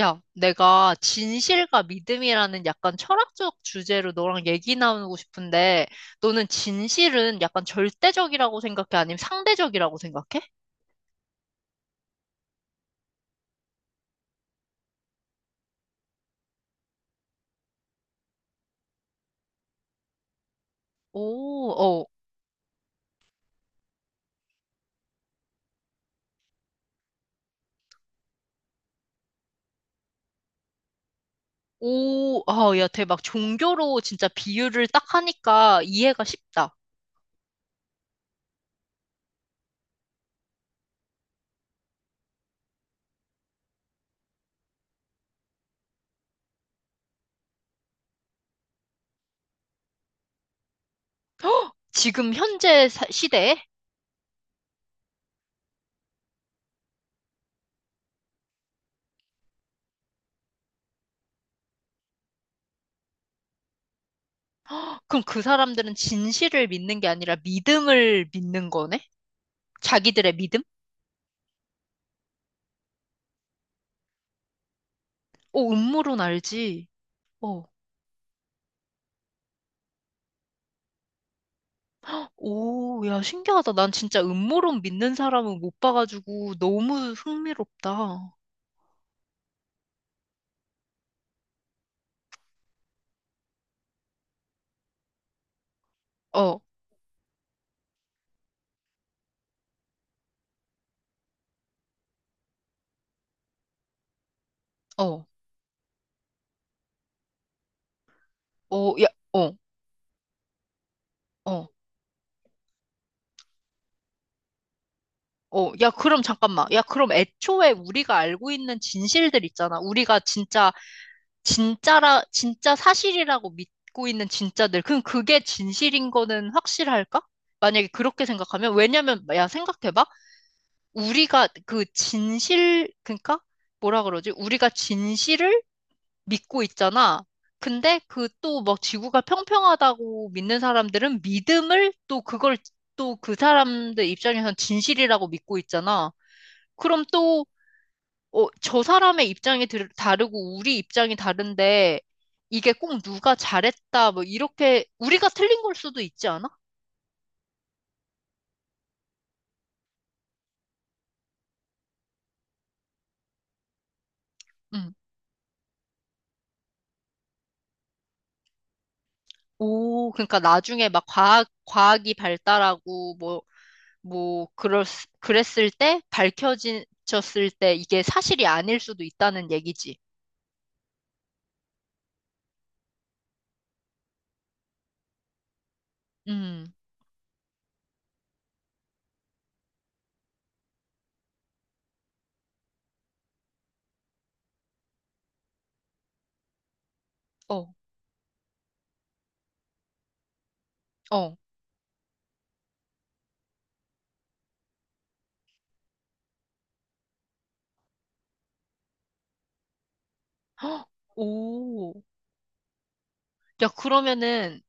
야, 내가 진실과 믿음이라는 약간 철학적 주제로 너랑 얘기 나누고 싶은데, 너는 진실은 약간 절대적이라고 생각해? 아니면 상대적이라고 생각해? 오. 어. 오, 아, 야, 대박. 종교로 진짜 비유를 딱 하니까 이해가 쉽다. 지금 현재 시대에? 그럼 그 사람들은 진실을 믿는 게 아니라 믿음을 믿는 거네? 자기들의 믿음? 오, 음모론 알지? 어. 오, 야, 신기하다. 난 진짜 음모론 믿는 사람은 못 봐가지고 너무 흥미롭다. 어. 어. 어. 야. 어. 어. 어. 야, 그럼 잠깐만. 야, 그럼 애초에 우리가 알고 있는 진실들 있잖아. 우리가 진짜 사실이라고 믿고 있는 진짜들. 그럼 그게 진실인 거는 확실할까? 만약에 그렇게 생각하면, 왜냐면, 야, 생각해봐. 우리가 그 진실, 그러니까 뭐라 그러지? 우리가 진실을 믿고 있잖아. 근데 그 또 막 지구가 평평하다고 믿는 사람들은 믿음을 또 그걸 또 그 사람들 입장에선 진실이라고 믿고 있잖아. 그럼 또, 저 사람의 입장이 다르고 우리 입장이 다른데 이게 꼭 누가 잘했다 뭐 이렇게 우리가 틀린 걸 수도 있지 않아? 응. 오, 그러니까 나중에 막 과학이 발달하고 뭐, 그랬, 그랬을 때, 밝혀졌을 때, 이게 사실이 아닐 수도 있다는 얘기지. 음. 어. 어. 헉. 오. 야, 그러면은,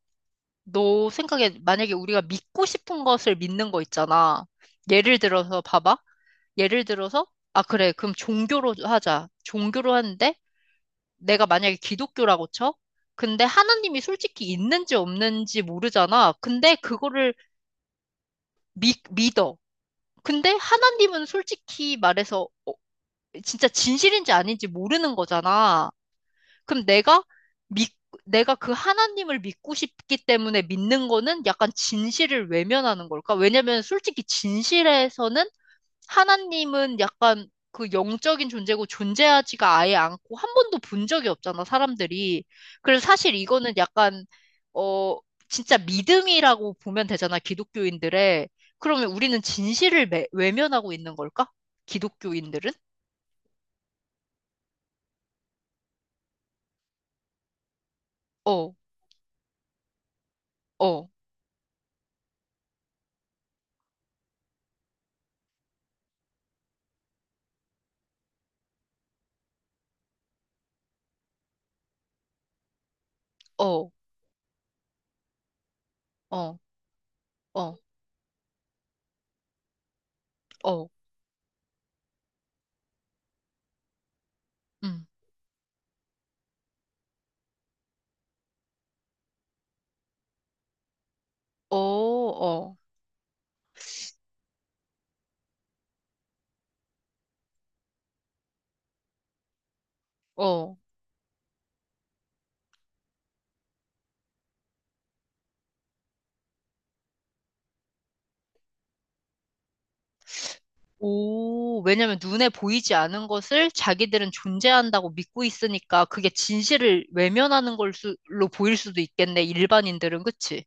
너 생각에, 만약에 우리가 믿고 싶은 것을 믿는 거 있잖아. 예를 들어서, 봐봐. 예를 들어서, 아, 그래. 그럼 종교로 하자. 종교로 하는데, 내가 만약에 기독교라고 쳐? 근데 하나님이 솔직히 있는지 없는지 모르잖아. 근데 그거를 믿어. 근데 하나님은 솔직히 말해서 진짜 진실인지 아닌지 모르는 거잖아. 그럼 믿, 내가 그 하나님을 믿고 싶기 때문에 믿는 거는 약간 진실을 외면하는 걸까? 왜냐면 솔직히 진실에서는 하나님은 약간 그 영적인 존재고 존재하지가 아예 않고 한 번도 본 적이 없잖아, 사람들이. 그래서 사실 이거는 약간, 어, 진짜 믿음이라고 보면 되잖아, 기독교인들의. 그러면 우리는 진실을 외면하고 있는 걸까? 기독교인들은? 어. 어. 어. 어. 어. 어. 음. 어. 어. 어. 오, 왜냐면 눈에 보이지 않은 것을 자기들은 존재한다고 믿고 있으니까 그게 진실을 외면하는 걸로 보일 수도 있겠네, 일반인들은, 그치?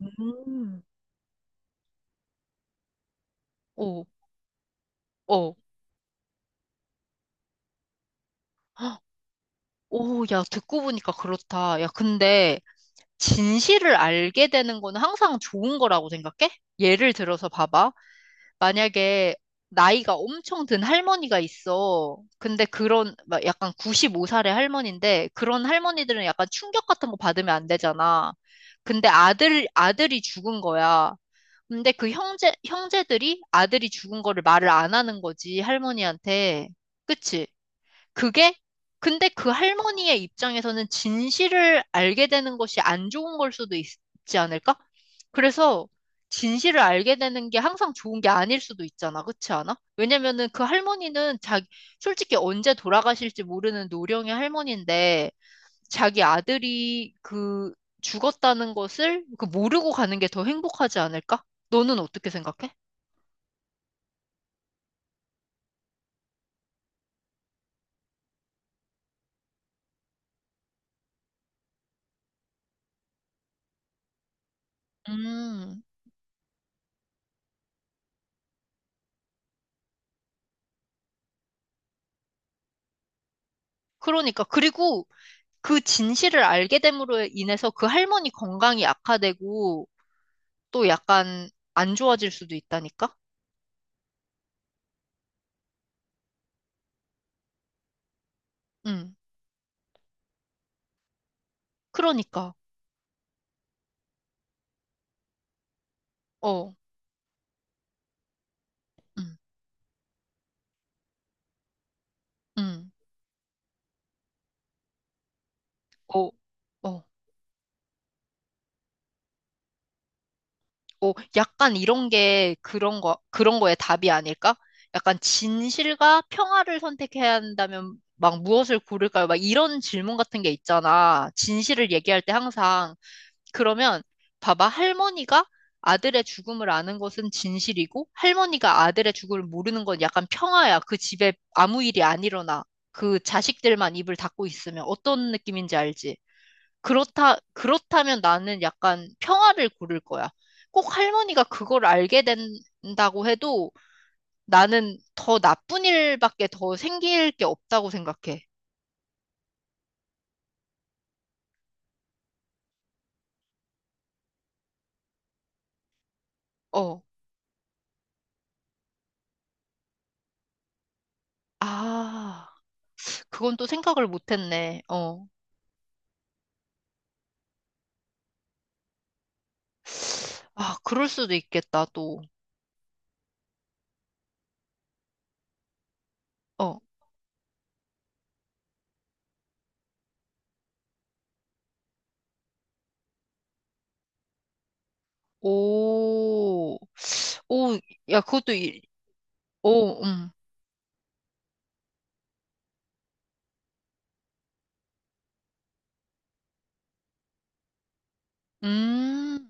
음. 오. 어. 헉. 오, 야, 듣고 보니까 그렇다. 야, 근데 진실을 알게 되는 거는 항상 좋은 거라고 생각해? 예를 들어서 봐봐. 만약에 나이가 엄청 든 할머니가 있어. 근데 그런, 막 약간 95살의 할머니인데, 그런 할머니들은 약간 충격 같은 거 받으면 안 되잖아. 근데 아들이 죽은 거야. 근데 그 형제들이 아들이 죽은 거를 말을 안 하는 거지, 할머니한테. 그치? 그게 근데 그 할머니의 입장에서는 진실을 알게 되는 것이 안 좋은 걸 수도 있, 지 않을까? 그래서 진실을 알게 되는 게 항상 좋은 게 아닐 수도 있잖아. 그렇지 않아? 왜냐면은 그 할머니는 자기 솔직히 언제 돌아가실지 모르는 노령의 할머니인데 자기 아들이 그 죽었다는 것을 그 모르고 가는 게 더 행복하지 않을까? 너는 어떻게 생각해? 음, 그러니까. 그리고 그 진실을 알게 됨으로 인해서 그 할머니 건강이 악화되고 또 약간 안 좋아질 수도 있다니까? 응. 그러니까. 어. 응. 응. 어. 어. 어. 약간 이런 게 그런 거 그런 거에 답이 아닐까? 약간 진실과 평화를 선택해야 한다면 막 무엇을 고를까요? 막 이런 질문 같은 게 있잖아. 진실을 얘기할 때 항상 그러면 봐봐. 할머니가 아들의 죽음을 아는 것은 진실이고 할머니가 아들의 죽음을 모르는 건 약간 평화야. 그 집에 아무 일이 안 일어나. 그 자식들만 입을 닫고 있으면 어떤 느낌인지 알지? 그렇다면 나는 약간 평화를 고를 거야. 꼭 할머니가 그걸 알게 된다고 해도 나는 더 나쁜 일밖에 더 생길 게 없다고 생각해. 어. 아, 그건 또 생각을 못 했네. 어. 아, 그럴 수도 있겠다, 또. 어. 오. 오, 야, 그것도, 오. 음. 음.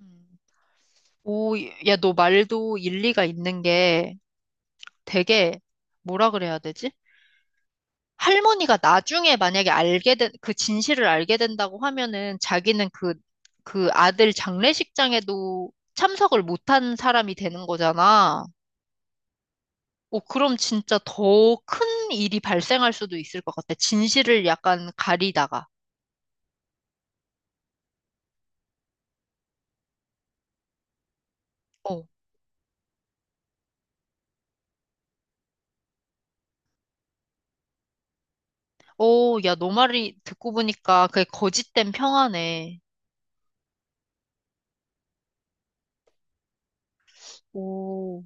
오, 야, 너 말도 일리가 있는 게 되게, 뭐라 그래야 되지? 할머니가 나중에 만약에 알게 된, 그 진실을 알게 된다고 하면은 자기는 그, 그 아들 장례식장에도 참석을 못한 사람이 되는 거잖아. 오, 그럼 진짜 더 큰 일이 발생할 수도 있을 것 같아. 진실을 약간 가리다가. 어. 오, 야, 너 말이 듣고 보니까 그게 거짓된 평화네. 오.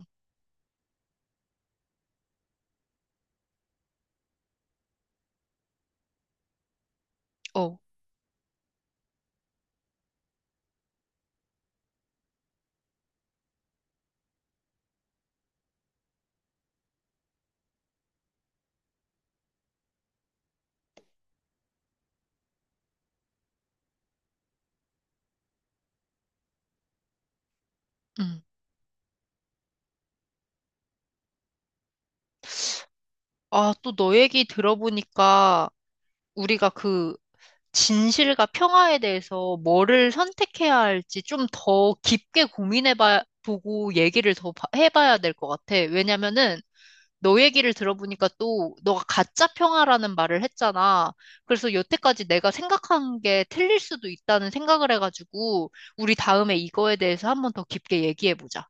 어. 음. 아, 또 너 얘기 들어보니까 우리가 그 진실과 평화에 대해서 뭐를 선택해야 할지 좀 더 깊게 고민해봐, 보고 얘기를 더 해봐야 될 것 같아. 왜냐면은 너 얘기를 들어보니까 또 너가 가짜 평화라는 말을 했잖아. 그래서 여태까지 내가 생각한 게 틀릴 수도 있다는 생각을 해가지고 우리 다음에 이거에 대해서 한번 더 깊게 얘기해보자.